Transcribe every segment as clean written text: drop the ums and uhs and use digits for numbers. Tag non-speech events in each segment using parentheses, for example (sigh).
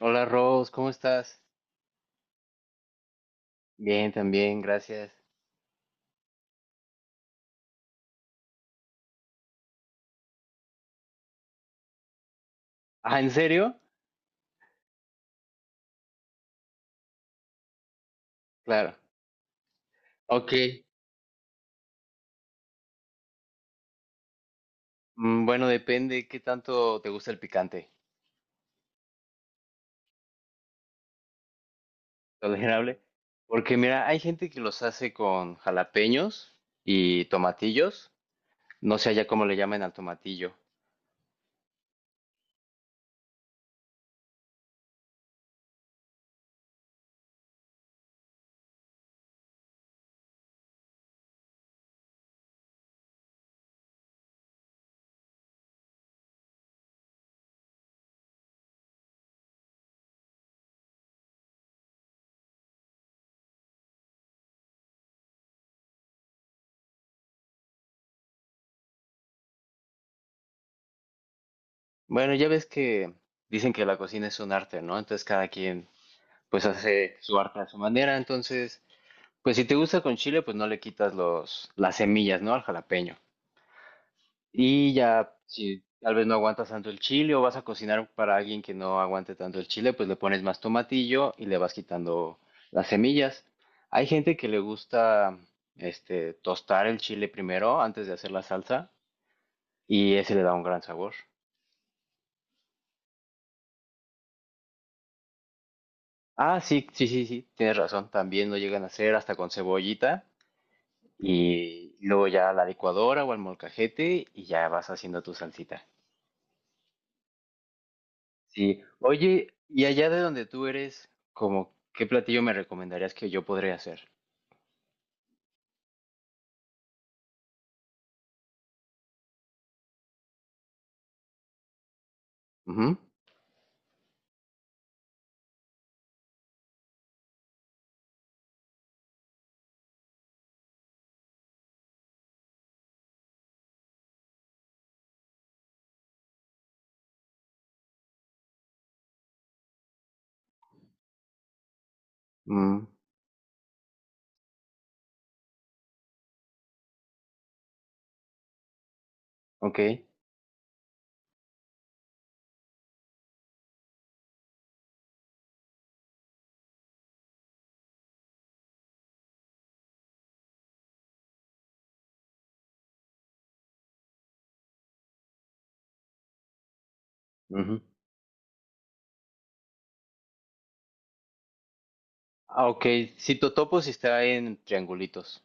Hola Rose, ¿cómo estás? Bien, también, gracias. Ah, ¿en serio? Claro. Ok. Bueno, depende qué tanto te gusta el picante. ¿Tolerable? Porque mira, hay gente que los hace con jalapeños y tomatillos. No sé allá cómo le llaman al tomatillo. Bueno, ya ves que dicen que la cocina es un arte, ¿no? Entonces cada quien pues hace su arte a su manera. Entonces, pues si te gusta con chile, pues no le quitas las semillas, ¿no? Al jalapeño. Y ya, si tal vez no aguantas tanto el chile o vas a cocinar para alguien que no aguante tanto el chile, pues le pones más tomatillo y le vas quitando las semillas. Hay gente que le gusta tostar el chile primero antes de hacer la salsa y ese le da un gran sabor. Ah, sí, sí, sí, sí, tienes razón, también lo llegan a hacer hasta con cebollita y luego ya a la licuadora o al molcajete y ya vas haciendo tu salsita. Sí. Oye, y allá de donde tú eres, como, ¿qué platillo me recomendarías que yo podría hacer? Ujú, mm, ok. Ujú. Ah, ok. Si totopo si está en triangulitos.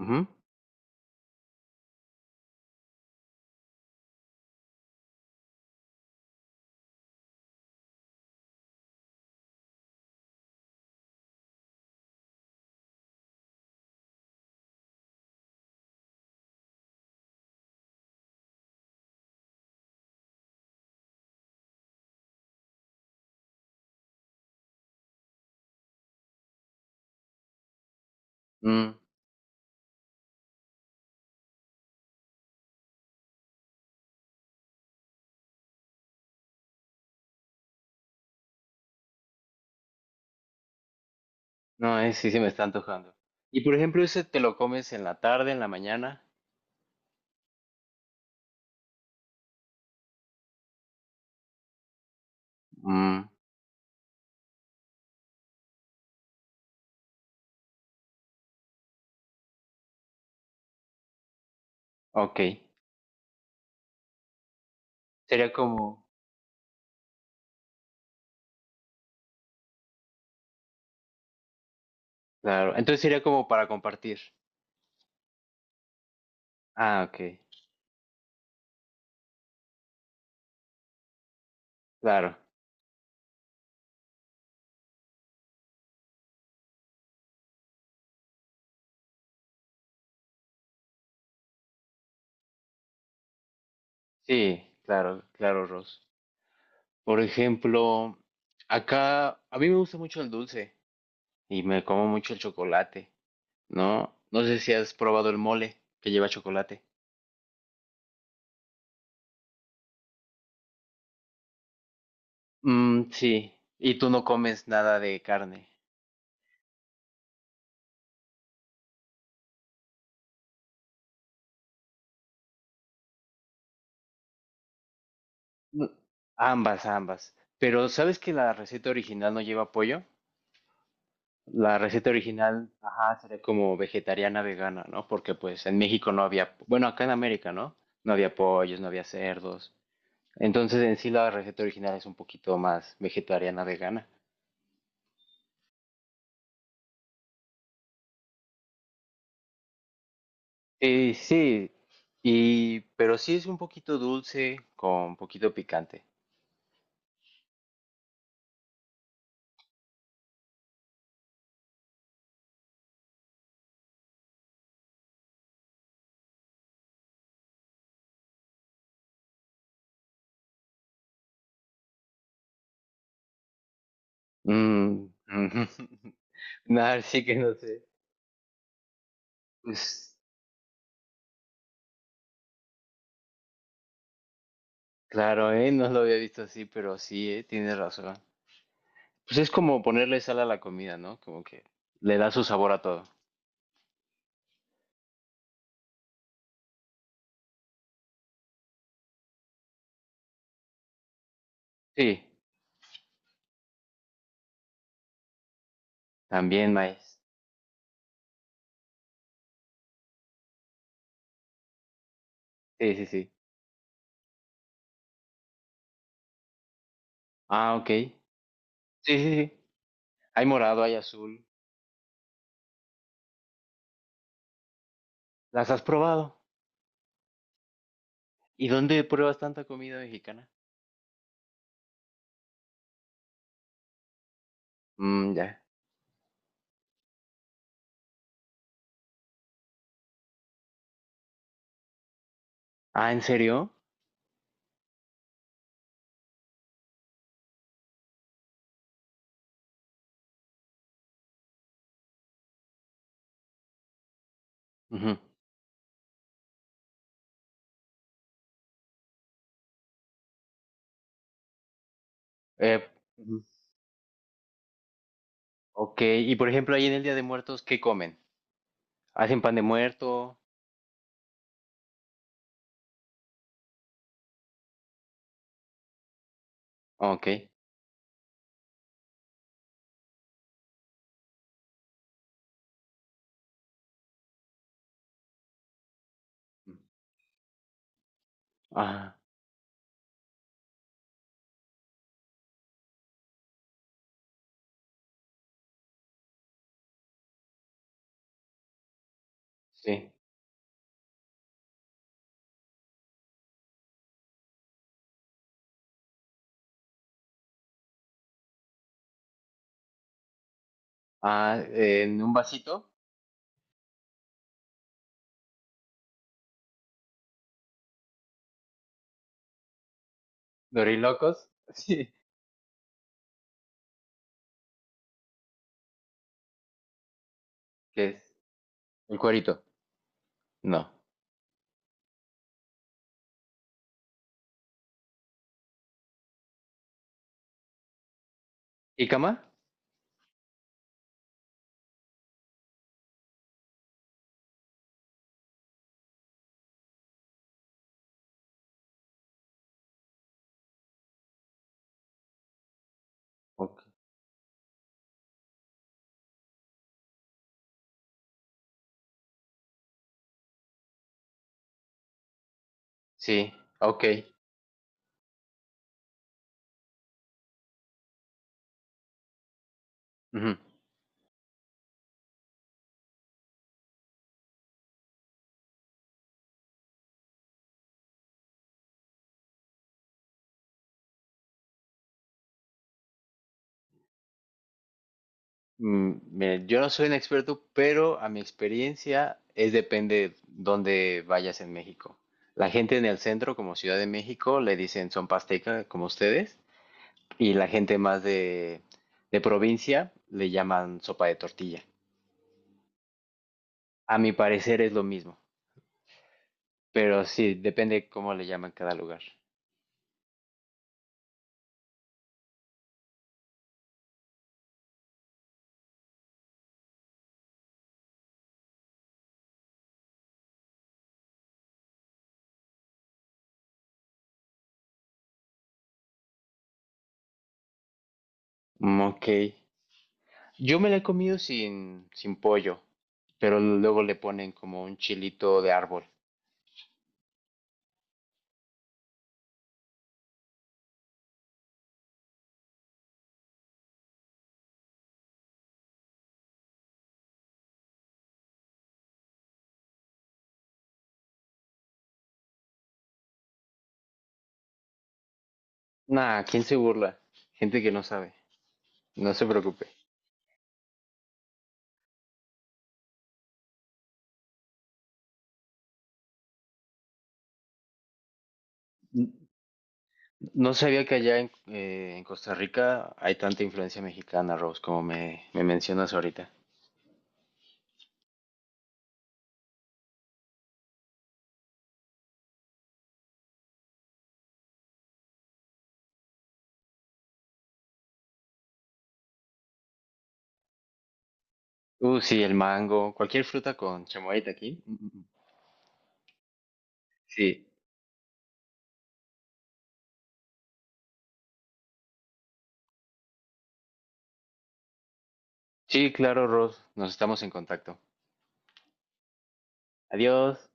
Ujú, mm, no, sí, sí me está antojando. Y por ejemplo, ese te lo comes en la tarde, en la mañana. Mm, ok. Sería como, claro. Entonces sería como para compartir. Ah, ok. Claro. Sí, claro, claro, Ross. Por ejemplo, acá a mí me gusta mucho el dulce y me como mucho el chocolate, ¿no? No sé si has probado el mole que lleva chocolate. Mm, sí, y tú no comes nada de carne. No, ambas, ambas. Pero ¿sabes que la receta original no lleva pollo? La receta original, ajá, sería como vegetariana vegana, ¿no? Porque pues en México no había, bueno, acá en América, ¿no? No había pollos, no había cerdos. Entonces en sí la receta original es un poquito más vegetariana vegana. Y sí, y pero sí es un poquito dulce con poquito picante. Mm, ujú. (laughs) Nah, sí que no sé. Pues claro, no lo había visto así, pero sí, tienes razón. Pues es como ponerle sal a la comida, ¿no? Como que le da su sabor a todo. Sí, también maíz. Sí, sí, sí. Ah, ok. Sí, sí, sí. Hay morado, hay azul. ¿Las has probado? ¿Y dónde pruebas tanta comida mexicana? Mm, ya. Ah, ¿en serio? Ujú. Eh, Ok, y por ejemplo, ahí en el Día de Muertos, ¿qué comen? ¿Hacen pan de muerto? Ok. Ah, sí. Ah, en un vasito, dorilocos. (laughs) Sí. ¿Qué es? El cuerito. No. ¿Y cama? Ok. Sí, ok. Ujú. Mm, mira, yo no soy un experto, pero a mi experiencia es depende dónde vayas en México. La gente en el centro, como Ciudad de México, le dicen son pasteca, como ustedes. Y la gente más de provincia le llaman sopa de tortilla. A mi parecer es lo mismo, pero sí, depende cómo le llaman cada lugar. Mm, ok. Yo me la he comido sin pollo, pero luego le ponen como un chilito de árbol. Nah, ¿quién se burla? Gente que no sabe. No se preocupe. N- No sabía que allá en Costa Rica hay tanta influencia mexicana, Rose, como me mencionas ahorita. Sí, el mango, cualquier fruta con chamoyita aquí. Mm, mm, sí, sí, claro, Ross, nos estamos en contacto. Adiós.